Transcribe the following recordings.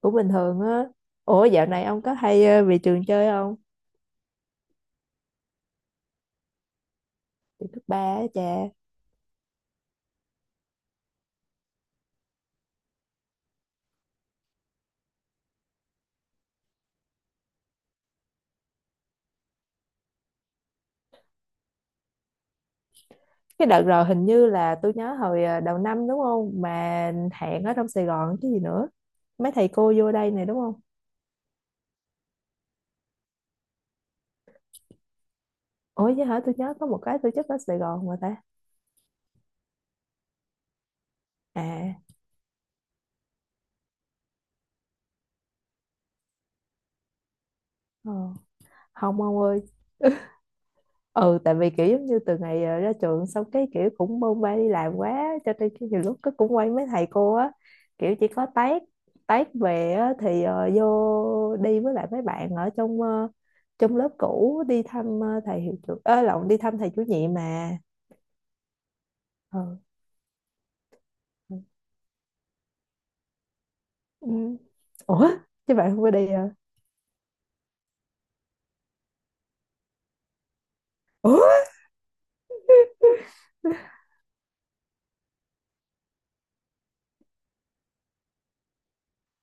Cũng bình thường á. Ủa, dạo này ông có hay về trường chơi không? Cấp ba á cha. Cái đợt rồi hình như là tôi nhớ hồi đầu năm, đúng không, mà hẹn ở trong Sài Gòn chứ gì nữa. Mấy thầy cô vô đây này, đúng không? Ủa chứ hả, tôi nhớ có một cái tổ chức ở Sài Gòn mà ta. À. Ờ. Không, ông ơi. Ừ, tại vì kiểu giống như từ ngày ra trường xong cái kiểu cũng bôn ba đi làm quá cho nên cái nhiều lúc cái cũng quay mấy thầy cô á. Kiểu chỉ có tát, tát về á, thì vô đi với lại mấy bạn ở trong lớp cũ đi thăm thầy hiệu trưởng, ơ lộn, đi thăm thầy chủ nhiệm mà. Ừ. Ừ. Ừ. Ủa chứ bạn không có đi à? Ủa.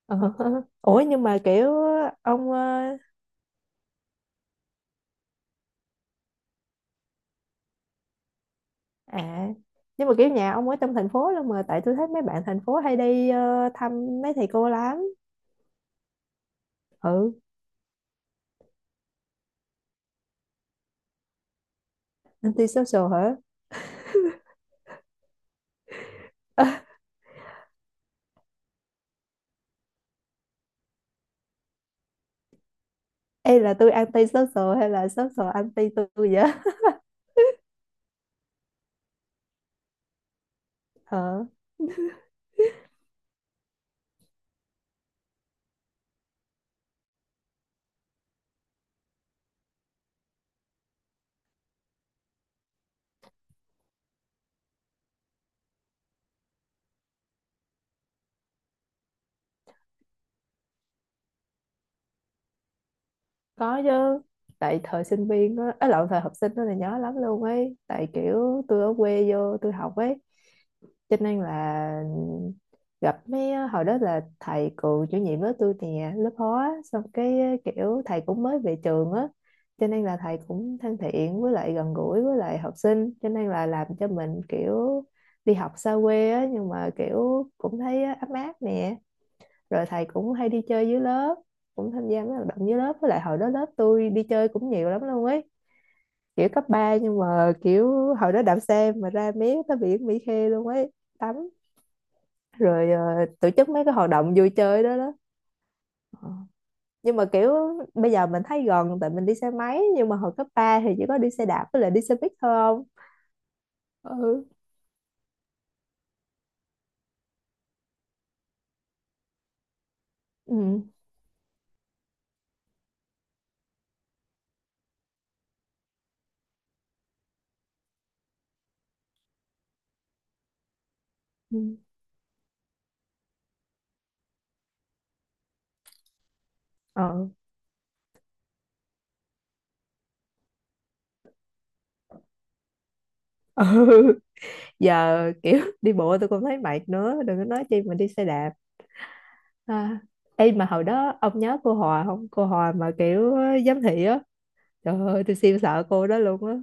Ờ. Ủa nhưng mà kiểu ông à, nhưng mà kiểu nhà ông ở trong thành phố luôn mà tại tôi thấy mấy bạn thành phố hay đi thăm mấy thầy cô lắm. Ừ. Anti social hả? Ê, là tôi anti social hay là social anti tôi vậy? Ờ. Có chứ. Tại thời sinh viên á, ấy lộn, thời học sinh đó là nhớ lắm luôn ấy, tại kiểu tôi ở quê vô tôi học ấy, cho nên là gặp mấy hồi đó là thầy cựu chủ nhiệm lớp tôi nè, lớp hóa, xong cái kiểu thầy cũng mới về trường á, cho nên là thầy cũng thân thiện với lại gần gũi với lại học sinh, cho nên là làm cho mình kiểu đi học xa quê á nhưng mà kiểu cũng thấy ấm áp nè. Rồi thầy cũng hay đi chơi dưới lớp, cũng tham gia mấy hoạt động dưới lớp, với lại hồi đó lớp tôi đi chơi cũng nhiều lắm luôn ấy. Kiểu cấp 3 nhưng mà kiểu hồi đó đạp xe mà ra mé tới biển Mỹ Khê luôn ấy, tắm, rồi tổ chức mấy cái hoạt động vui chơi đó đó. Ờ. Nhưng mà kiểu bây giờ mình thấy gần tại mình đi xe máy, nhưng mà hồi cấp 3 thì chỉ có đi xe đạp với lại đi xe buýt thôi không. Ừ, ừ, ừ, ờ, ừ. Giờ kiểu đi bộ tôi cũng thấy mệt nữa, đừng có nói chi mình đi xe đạp. À, ê mà hồi đó ông nhớ cô Hòa không? Cô Hòa mà kiểu giám thị á. Trời ơi, tôi siêu sợ cô đó luôn á.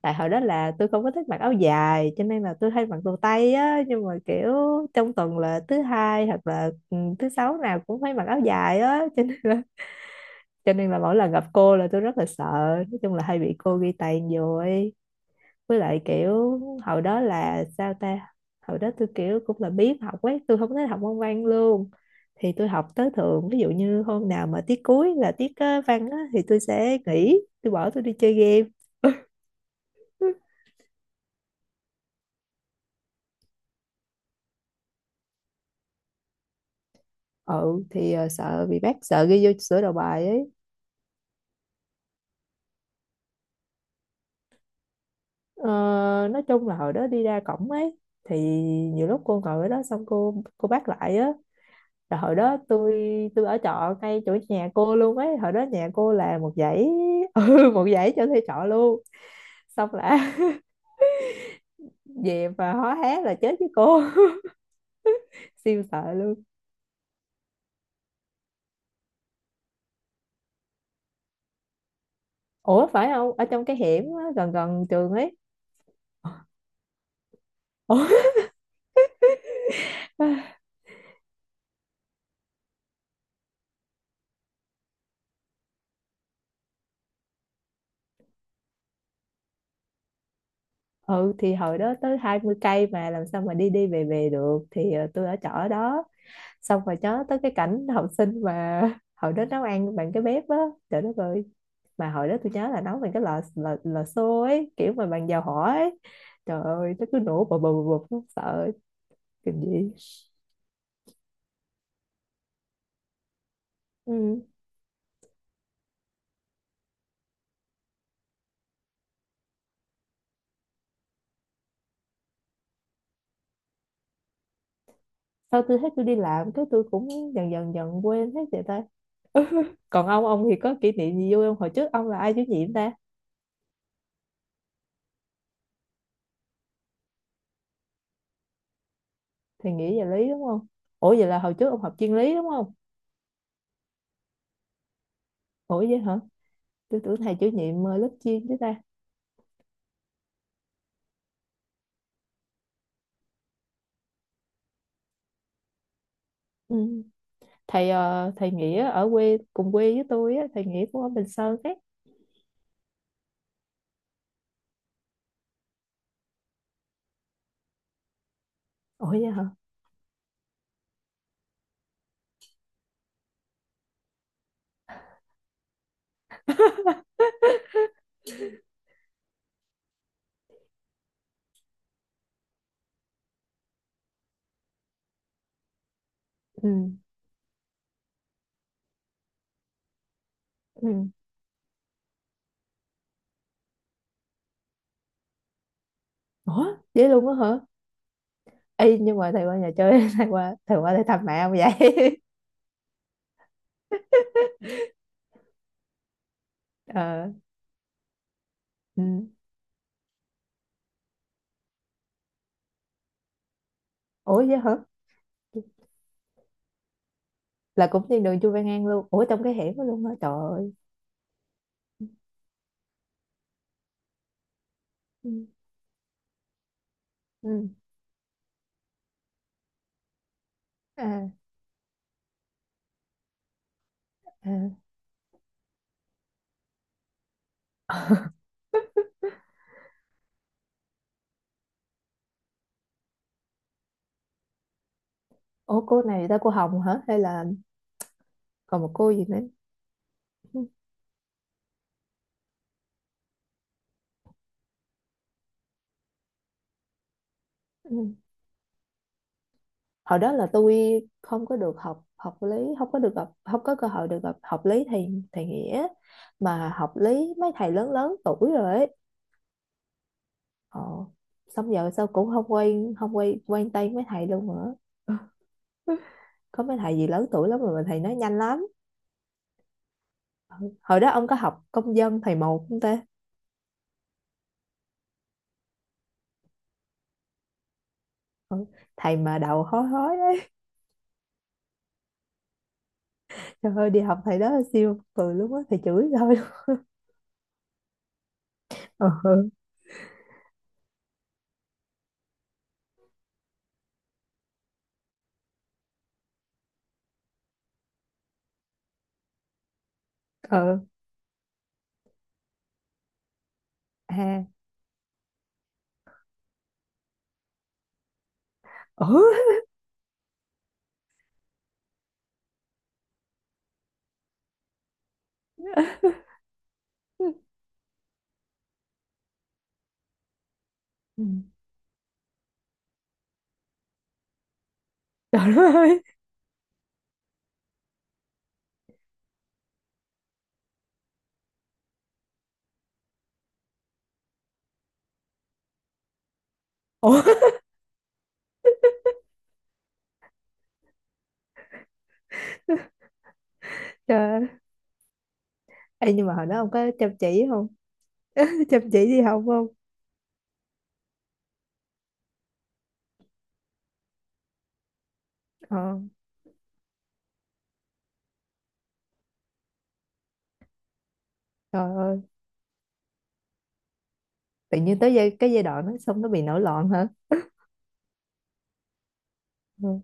Tại hồi đó là tôi không có thích mặc áo dài, cho nên là tôi hay mặc đồ tây á. Nhưng mà kiểu trong tuần là thứ hai hoặc là thứ sáu nào cũng phải mặc áo dài á. Cho nên là mỗi lần gặp cô là tôi rất là sợ. Nói chung là hay bị cô ghi tàn vô ấy. Với lại kiểu hồi đó là sao ta, hồi đó tôi kiểu cũng là biếng học quá, tôi không thích học môn văn luôn. Thì tôi học tới thường, ví dụ như hôm nào mà tiết cuối là tiết văn á, thì tôi sẽ nghỉ, tôi bỏ tôi đi chơi game. Ừ thì sợ bị bác, sợ ghi vô sửa đầu bài ấy. ờ, nói chung là hồi đó đi ra cổng ấy, thì nhiều lúc cô ngồi ở đó xong cô bắt lại á. Rồi hồi đó tôi ở trọ ngay chỗ nhà cô luôn ấy, hồi đó nhà cô là một dãy một dãy cho thuê trọ luôn. Xong là về mà hó hé là chết với cô. Siêu sợ luôn. Ủa phải không, ở trong cái hẻm á, gần gần trường ấy? Ủa? Ừ thì hồi đó tới 20 cây mà làm sao mà đi đi về về được, thì tôi ở trọ ở đó. Xong rồi nhớ tới cái cảnh học sinh mà hồi đó nấu ăn bằng cái bếp á. Trời đất ơi, mà hồi đó tôi nhớ là nấu bằng cái lò lò, lò xo ấy, kiểu mà bằng dầu hỏa ấy. Trời ơi nó cứ nổ bập bập bập bập, sợ, kinh dị. Ừ. Sau tôi thấy tôi đi làm cái tôi cũng dần dần dần quên hết vậy ta. Còn ông thì có kỷ niệm gì vui không? Hồi trước ông là ai chủ nhiệm ta? Thầy Nghĩ về lý đúng không? Ủa vậy là hồi trước ông học chuyên lý đúng không? Ủa vậy hả, tôi tưởng thầy chủ nhiệm lớp chuyên chứ ta. Ừ. Thầy Nghĩa ở quê cùng quê với tôi á, thầy Nghĩa cũng ở Bình Sơn ấy. Ủa vậy hả? Ừ. Ừ. Ủa vậy luôn á hả? Ê, nhưng mà thầy qua nhà chơi, thầy qua để thăm mẹ không vậy? Ờ. Ừ. Ủa vậy hả? Là cũng trên đường Chu Văn An luôn? Ủa trong cái hẻm đó luôn hả, trời ơi. Ừ. Ừ. À. À. Ủa cô này ta, cô Hồng hả, hay là còn một cô gì nữa? Ừ. Ừ. Hồi đó là tôi không có được học học lý, không có được gặp, không có cơ hội được gặp học lý thầy thầy Nghĩa. Mà học lý mấy thầy lớn lớn tuổi rồi ấy. Ờ. Xong giờ sao cũng không quen, không quen quen tay mấy thầy luôn nữa. Có mấy thầy gì lớn tuổi lắm rồi mà thầy nói nhanh lắm. Hồi đó ông có học công dân thầy một không ta? Ừ, thầy mà đầu hói hói đấy. Trời ơi đi học thầy đó là siêu cười luôn á, thầy chửi thôi. Ờ. Ờ. À. Ừ. Ừ. Trời đất ơi. Ủa. Trời. Ê, nhưng mà hồi đó ông có chăm chỉ không? Chăm chỉ đi học không? Ờ, trời ơi, tự nhiên tới cái giai đoạn nó xong nó bị nổi loạn hả? Ừ,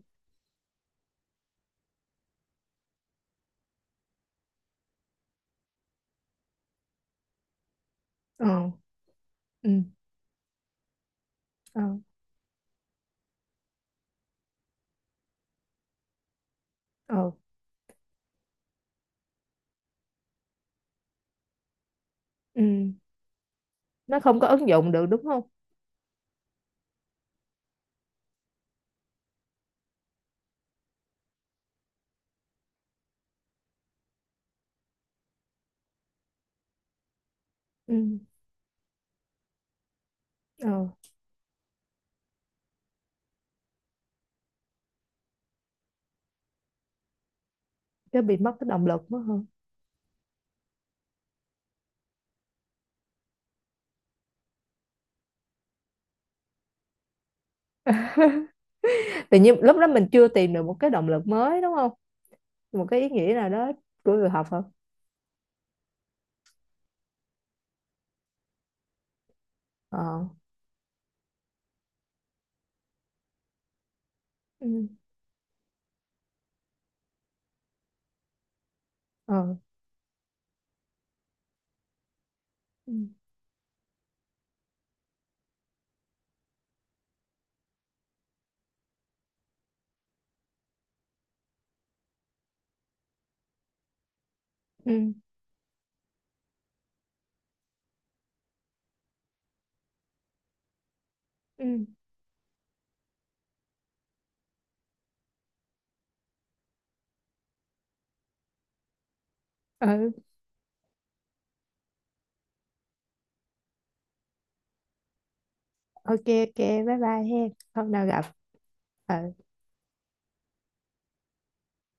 ờ, ừ, ờ, ờ, ừ. Nó không có ứng dụng được đúng không? Ừ, ờ, cái bị mất cái động lực mất hơn. Tự nhiên lúc đó mình chưa tìm được một cái động lực mới đúng không? Một cái ý nghĩa nào đó của việc học hả? Ờ, ừ, ờ, ừ, ừ, ừ, ừ, OK, OK, bye bye he, hôm nào gặp. Ờ.